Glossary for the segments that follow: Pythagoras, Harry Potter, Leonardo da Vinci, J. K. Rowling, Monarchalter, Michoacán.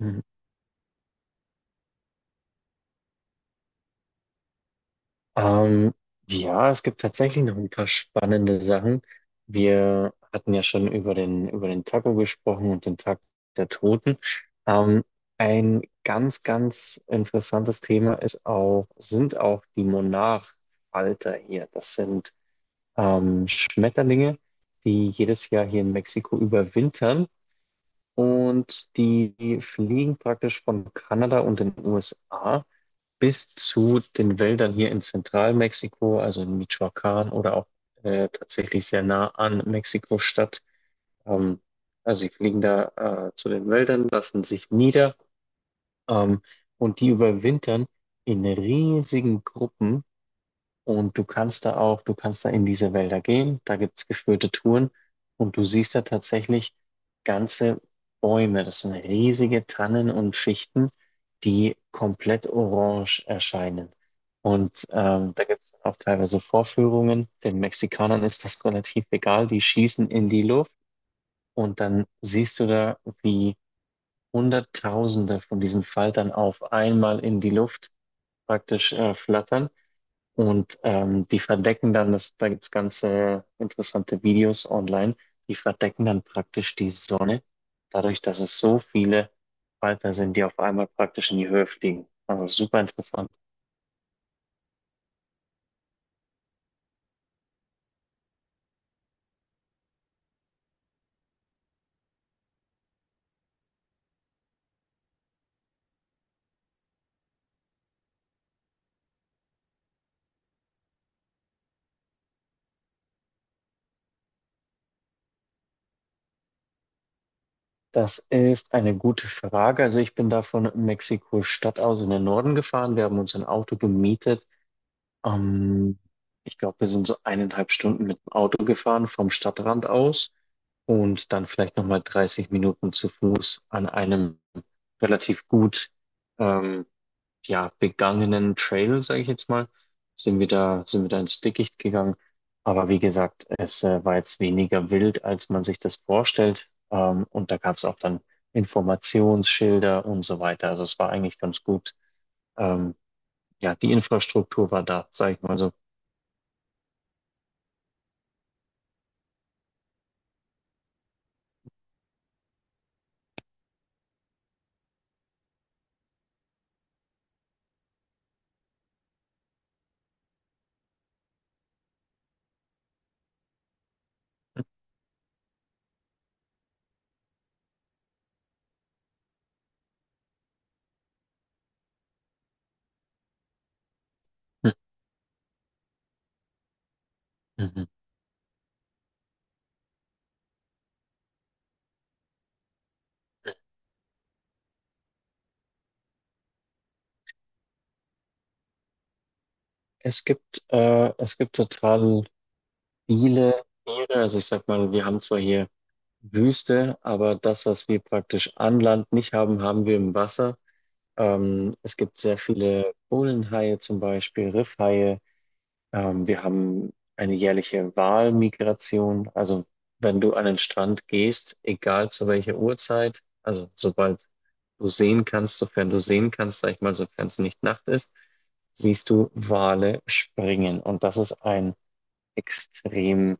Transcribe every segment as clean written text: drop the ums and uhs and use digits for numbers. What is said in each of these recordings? Hm. Ähm, ja, es gibt tatsächlich noch ein paar spannende Sachen. Wir hatten ja schon über den Taco gesprochen und den Tag der Toten. Ähm, ein ganz interessantes Thema ist auch die Monarchalter hier. Das sind Schmetterlinge, die jedes Jahr hier in Mexiko überwintern. Und die fliegen praktisch von Kanada und den USA bis zu den Wäldern hier in Zentralmexiko, also in Michoacán oder auch tatsächlich sehr nah an Mexiko-Stadt. Ähm, also sie fliegen da zu den Wäldern, lassen sich nieder, ähm, und die überwintern in riesigen Gruppen, und du kannst da du kannst da in diese Wälder gehen, da gibt's geführte Touren und du siehst da tatsächlich ganze Bäume. Das sind riesige Tannen und Fichten, die komplett orange erscheinen. Und da gibt's auch teilweise Vorführungen. Den Mexikanern ist das relativ egal, die schießen in die Luft und dann siehst du da, wie Hunderttausende von diesen Faltern auf einmal in die Luft praktisch flattern. Und die verdecken dann, das, da gibt's ganze interessante Videos online, die verdecken dann praktisch die Sonne, dadurch, dass es so viele Falter sind, die auf einmal praktisch in die Höhe fliegen. Also super interessant. Das ist eine gute Frage. Also ich bin da von Mexiko-Stadt aus in den Norden gefahren. Wir haben uns ein Auto gemietet. Ähm, Ich glaube, wir sind so eineinhalb Stunden mit dem Auto gefahren vom Stadtrand aus und dann vielleicht nochmal 30 Minuten zu Fuß an einem relativ gut, ähm, ja, begangenen Trail, sage ich jetzt mal, sind wir da ins Dickicht gegangen. Aber wie gesagt, es war jetzt weniger wild, als man sich das vorstellt. Und da gab es auch dann Informationsschilder und so weiter. Also es war eigentlich ganz gut. Ähm, ja, die Infrastruktur war da, sage ich mal so. Mhm. Es gibt total viele Tiere. Also ich sag mal, wir haben zwar hier Wüste, aber das, was wir praktisch an Land nicht haben, haben wir im Wasser. Es gibt sehr viele Bullenhaie zum Beispiel, Riffhaie. Wir haben eine jährliche Walmigration. Also wenn du an den Strand gehst, egal zu welcher Uhrzeit, also sobald sofern du sehen kannst, sag ich mal, sofern es nicht Nacht ist, siehst du Wale springen. Und das ist ein extrem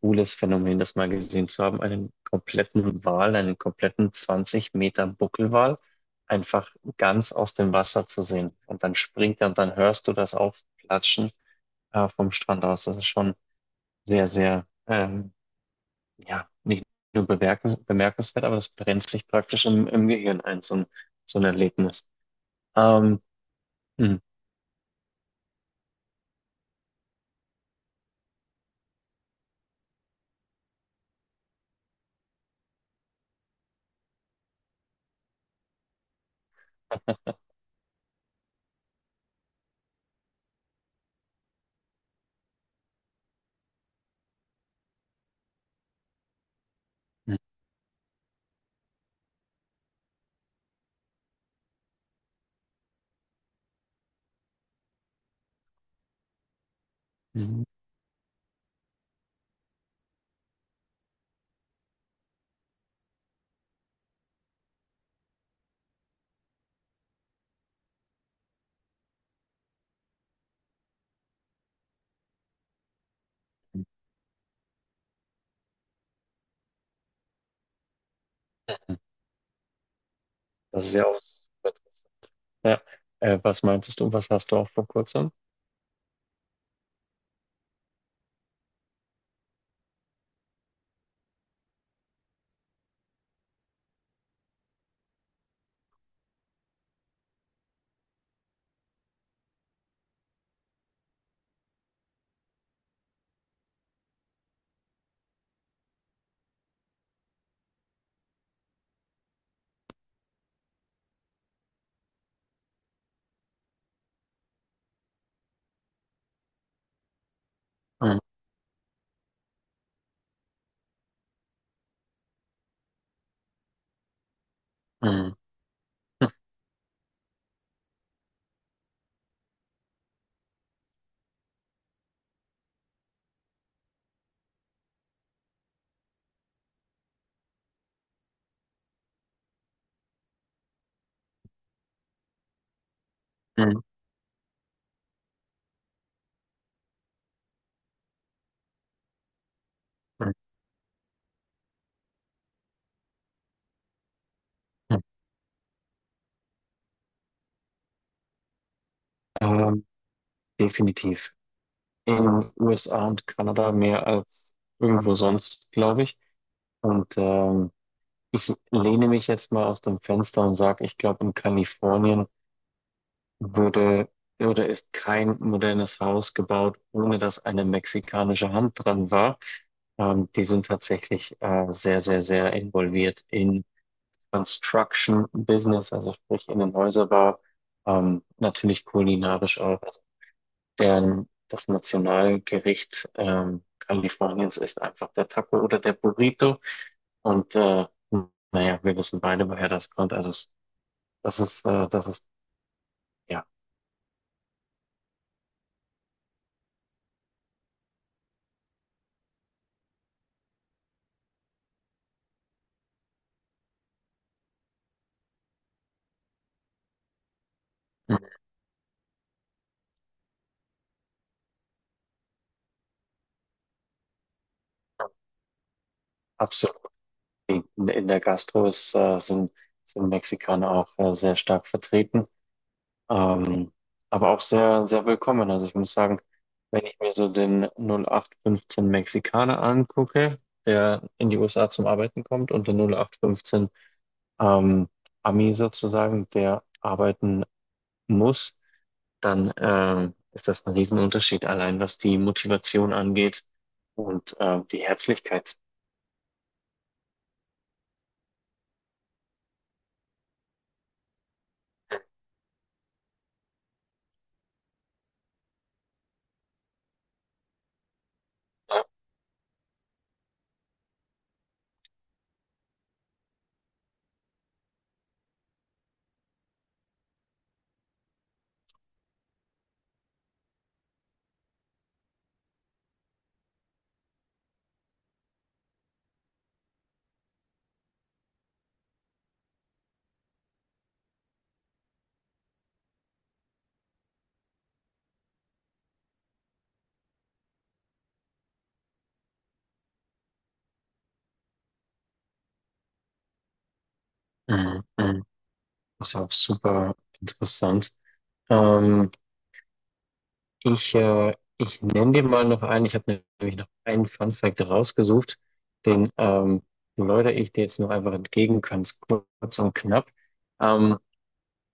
cooles Phänomen, das mal gesehen zu haben. Einen kompletten Wal, einen kompletten 20 Meter Buckelwal einfach ganz aus dem Wasser zu sehen. Und dann springt er und dann hörst du das Aufplatschen vom Strand aus. Das ist schon sehr, ja, nicht nur bemerkenswert, aber das brennt sich praktisch im Gehirn ein, so ein Erlebnis. Ähm, mhm, mhm, mhm. Das ist ja auch super interessant. Ja. Was meinst du, was hast du auch vor kurzem? Mhm, mhm, mhm, mhm. mhm. Ähm, Definitiv. In den USA und Kanada mehr als irgendwo sonst, glaube ich. Und ich lehne mich jetzt mal aus dem Fenster und sage, ich glaube, in Kalifornien wurde oder ist kein modernes Haus gebaut, ohne dass eine mexikanische Hand dran war. Die sind tatsächlich sehr involviert in Construction Business, also sprich in den Häuserbau, natürlich kulinarisch auch. Also deren, das Nationalgericht Kaliforniens ist einfach der Taco oder der Burrito. Und naja, wir wissen beide, woher das kommt. Das ist ja absolut. In, in der Gastro sind Mexikaner auch sehr stark vertreten, ähm, aber auch sehr willkommen. Also ich muss sagen, wenn ich mir so den 0815 Mexikaner angucke, der in die USA zum Arbeiten kommt, und den 0815 ähm, Ami sozusagen, der arbeiten muss, dann ist das ein Riesenunterschied, allein was die Motivation angeht und die Herzlichkeit. Ja. Mhm. Mhm. Das ist auch super interessant. Ähm, ich nenne dir mal noch einen. Ich habe nämlich noch einen Fun Fact rausgesucht. Den läutere ich dir jetzt noch einfach entgegen, ganz kurz und knapp. Ähm,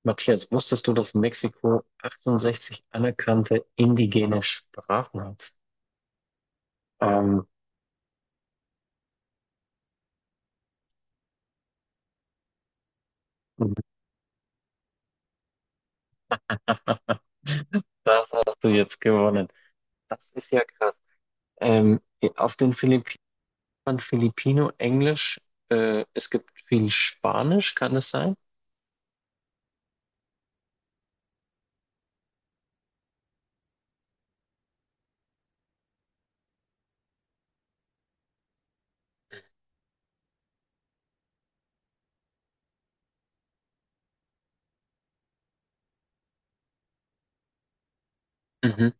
Matthias, wusstest du, dass Mexiko 68 anerkannte indigene Sprachen hat? Ähm, Das hast du jetzt gewonnen. Das ist ja krass. Ähm, auf den Philippinen man Filipino, Englisch, es gibt viel Spanisch, kann es sein? Mhm.